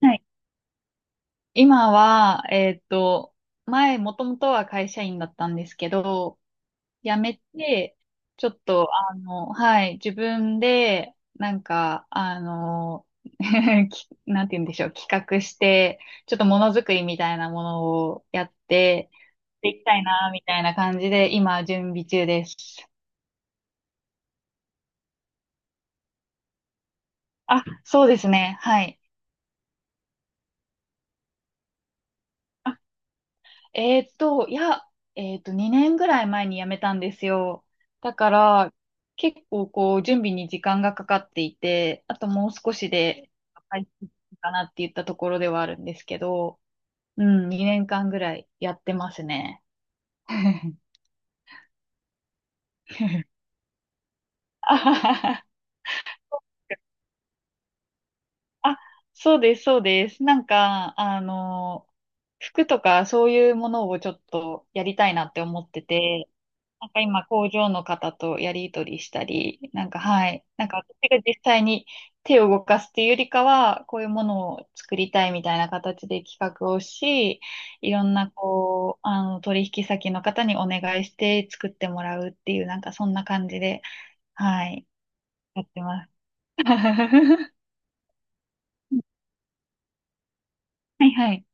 はい。今は、前、もともとは会社員だったんですけど、辞めて、ちょっと、はい、自分で、なんか、なんて言うんでしょう、企画して、ちょっとものづくりみたいなものをやって、できたいな、みたいな感じで、今、準備中です。あ、そうですね、はい。いや、2年ぐらい前に辞めたんですよ。だから、結構こう、準備に時間がかかっていて、あともう少しで、はいかなって言ったところではあるんですけど、うん、2年間ぐらいやってますね。あはははあ、そうです、そうです。なんか、服とかそういうものをちょっとやりたいなって思ってて、なんか今工場の方とやり取りしたり、なんかはい、なんか私が実際に手を動かすっていうよりかは、こういうものを作りたいみたいな形で企画をし、いろんなこう、取引先の方にお願いして作ってもらうっていう、なんかそんな感じで、はい、やってます。はいはい。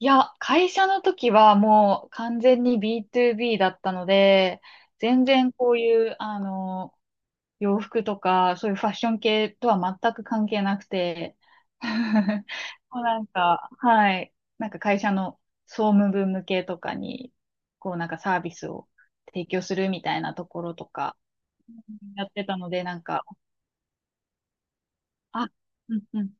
いや、会社の時はもう完全に B2B だったので、全然こういう、洋服とか、そういうファッション系とは全く関係なくて、もうなんか、はい、なんか会社の総務部向けとかに、こうなんかサービスを提供するみたいなところとかやってたので、なんか、あ、うんうん、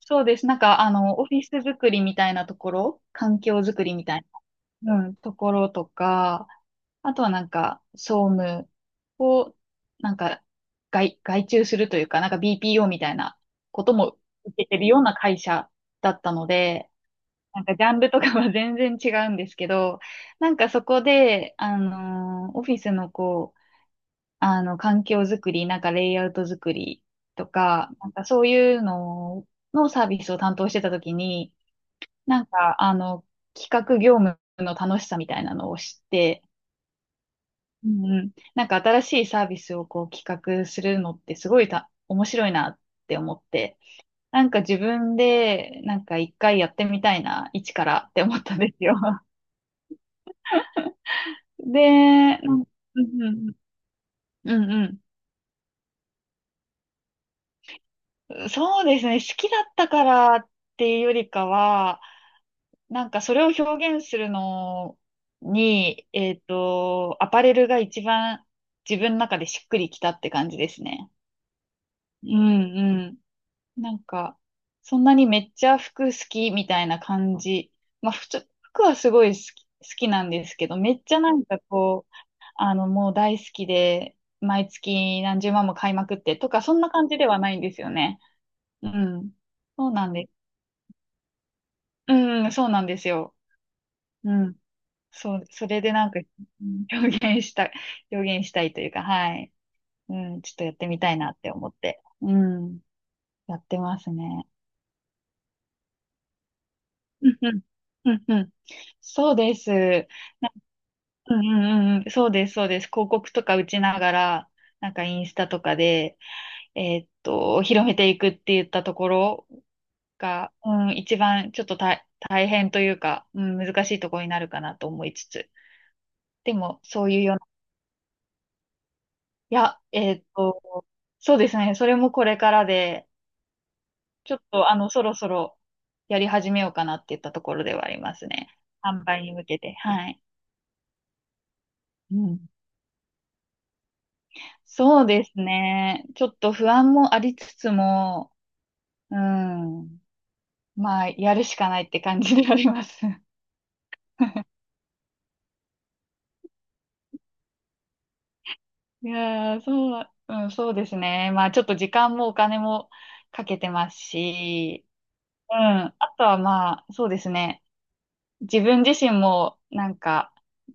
そうです。なんか、オフィス作りみたいなところ、環境作りみたいうん、ところとか、あとはなんか、総務を、なんか、外注するというか、なんか BPO みたいなことも受けてるような会社だったので、なんかジャンルとかは 全然違うんですけど、なんかそこで、オフィスのこう、環境づくり、なんかレイアウトづくりとか、なんかそういうののサービスを担当してたときに、なんか、企画業務の楽しさみたいなのを知って、うんうん。なんか新しいサービスをこう企画するのってすごいた面白いなって思って、なんか自分でなんか一回やってみたいな、一からって思ったんですよ。で、うんうんうんうん。そうですね。好きだったからっていうよりかは、なんかそれを表現するのに、アパレルが一番自分の中でしっくりきたって感じですね。うんうん。なんか、そんなにめっちゃ服好きみたいな感じ。まあ、服はすごい好きなんですけど、めっちゃなんかこう、もう大好きで、毎月何十万も買いまくってとか、そんな感じではないんですよね。うん。そうなんです、うん、そうなんですよ。うん。そう、それでなんか、うん、現した、表現したいというか、はい。うん、ちょっとやってみたいなって思って、うん、やってますね。うんうん。うんうん。そうです。なうんうんうん。そうです、そうです。広告とか打ちながら、なんかインスタとかで、広めていくって言ったところが、うん、一番ちょっと大変というか、うん、難しいところになるかなと思いつつ。でも、そういうような、いや、そうですね。それもこれからで、ちょっと、そろそろやり始めようかなって言ったところではありますね。販売に向けて。はい。うん。そうですね。ちょっと不安もありつつも、うん。まあ、やるしかないって感じであります。いやー、そう、うん、そうですね。まあ、ちょっと時間もお金もかけてますし、うん。あとはまあ、そうですね。自分自身も、なんか、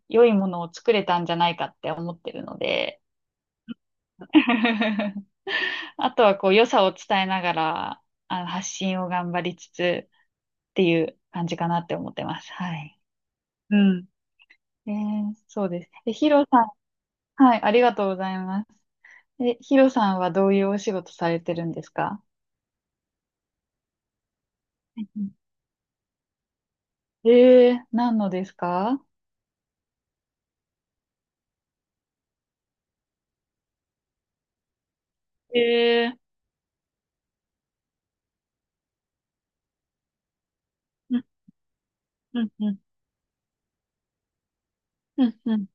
良いものを作れたんじゃないかって思ってるので、あとはこう、良さを伝えながら、発信を頑張りつつっていう感じかなって思ってます。はい。うん。そうです。え、ヒロさん、はい、ありがとうございます。え、ヒロさんはどういうお仕事されてるんですか？うん。何のですか？えー、うんうんうんうんうん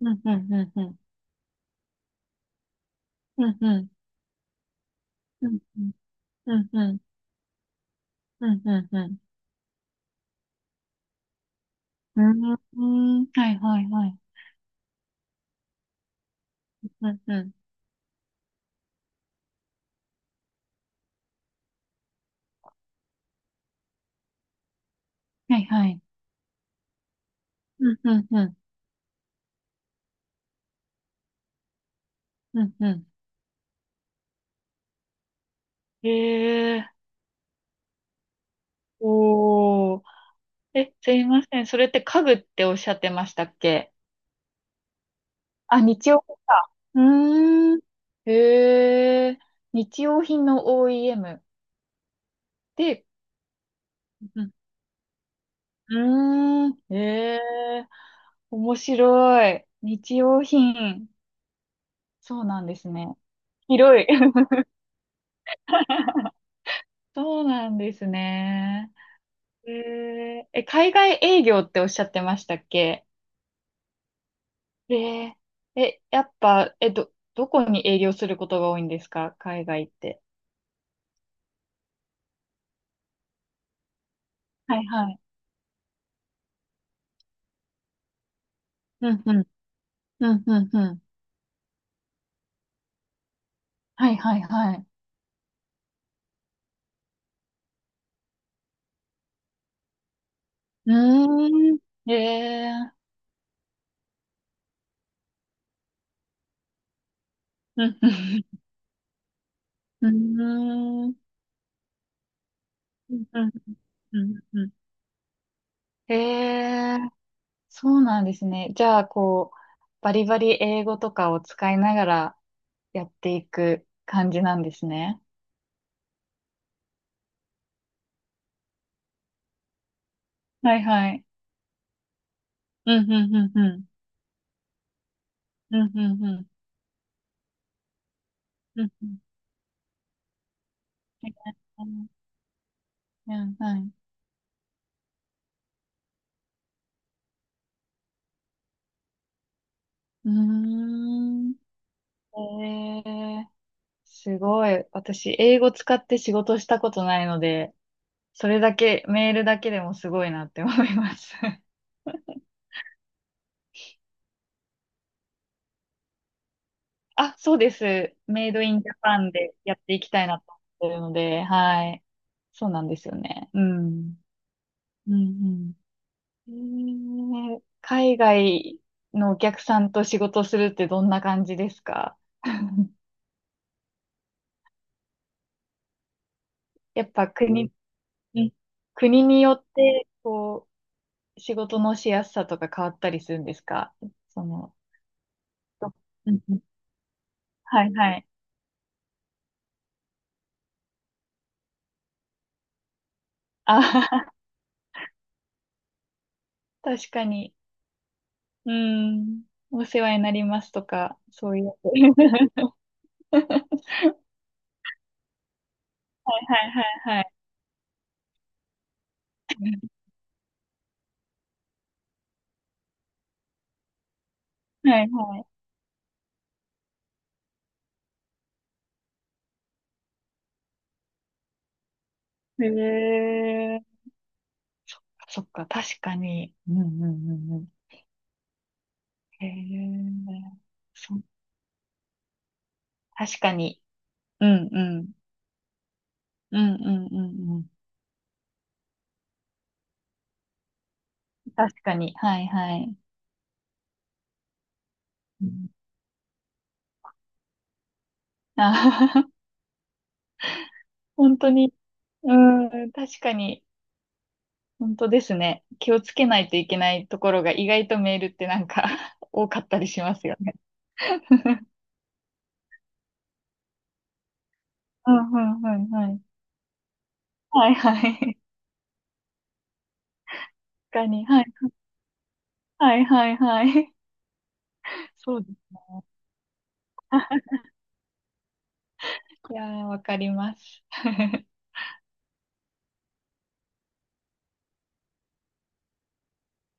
うんうんうんうんうんうんうんうんうんうんうんうんうんうんうん、はいはいはい、うんうん、はいはい、うんうんうんうんうん。おー、え、すいません。それって家具っておっしゃってましたっけ？あ、日用品か。うーん。へえ。日用品の OEM。で、うん。うーん。へえ。面白い。日用品。そうなんですね。広い。そうなんですね。へえ。え、海外営業っておっしゃってましたっけ？ええ。え、やっぱ、え、どこに営業することが多いんですか？海外って。はいはい。うんうん。うんうんうん。はいはいはい。うーん。ええー、うん、うん、うーん、うん、うん、うんうん。ええー、そうなんですね。じゃあ、こう、バリバリ英語とかを使いながらやっていく感じなんですね。はいはい。うん、うん、うん、うん。うん、うん、うん。うん、うん。うん、はい。うーん。えーすごい。私、英語使って仕事したことないので、それだけ、メールだけでもすごいなって思います。あ、そうです。メイドインジャパンでやっていきたいなと思ってるので、はい。そうなんですよね。うん。うんうん。海外のお客さんと仕事するってどんな感じですか？ やっぱうん、国によって、こう、仕事のしやすさとか変わったりするんですか？その、うんうん、はいはい。あはは、確かに。うん。お世話になりますとか、そういうやつ。はいはいはいはい。はいはい。へえ。そっか、確かに。うんうんうんうん。へえ。そ確かに。うんうん。うんうんうんうん。確かに。はいはい。うん、あ 本当に。うん、確かに。本当ですね。気をつけないといけないところが意外とメールってなんか 多かったりしますよね。うんうんうんうん。はいはい。確かに。はい。はいはいはい。そうです。いやー、わかります。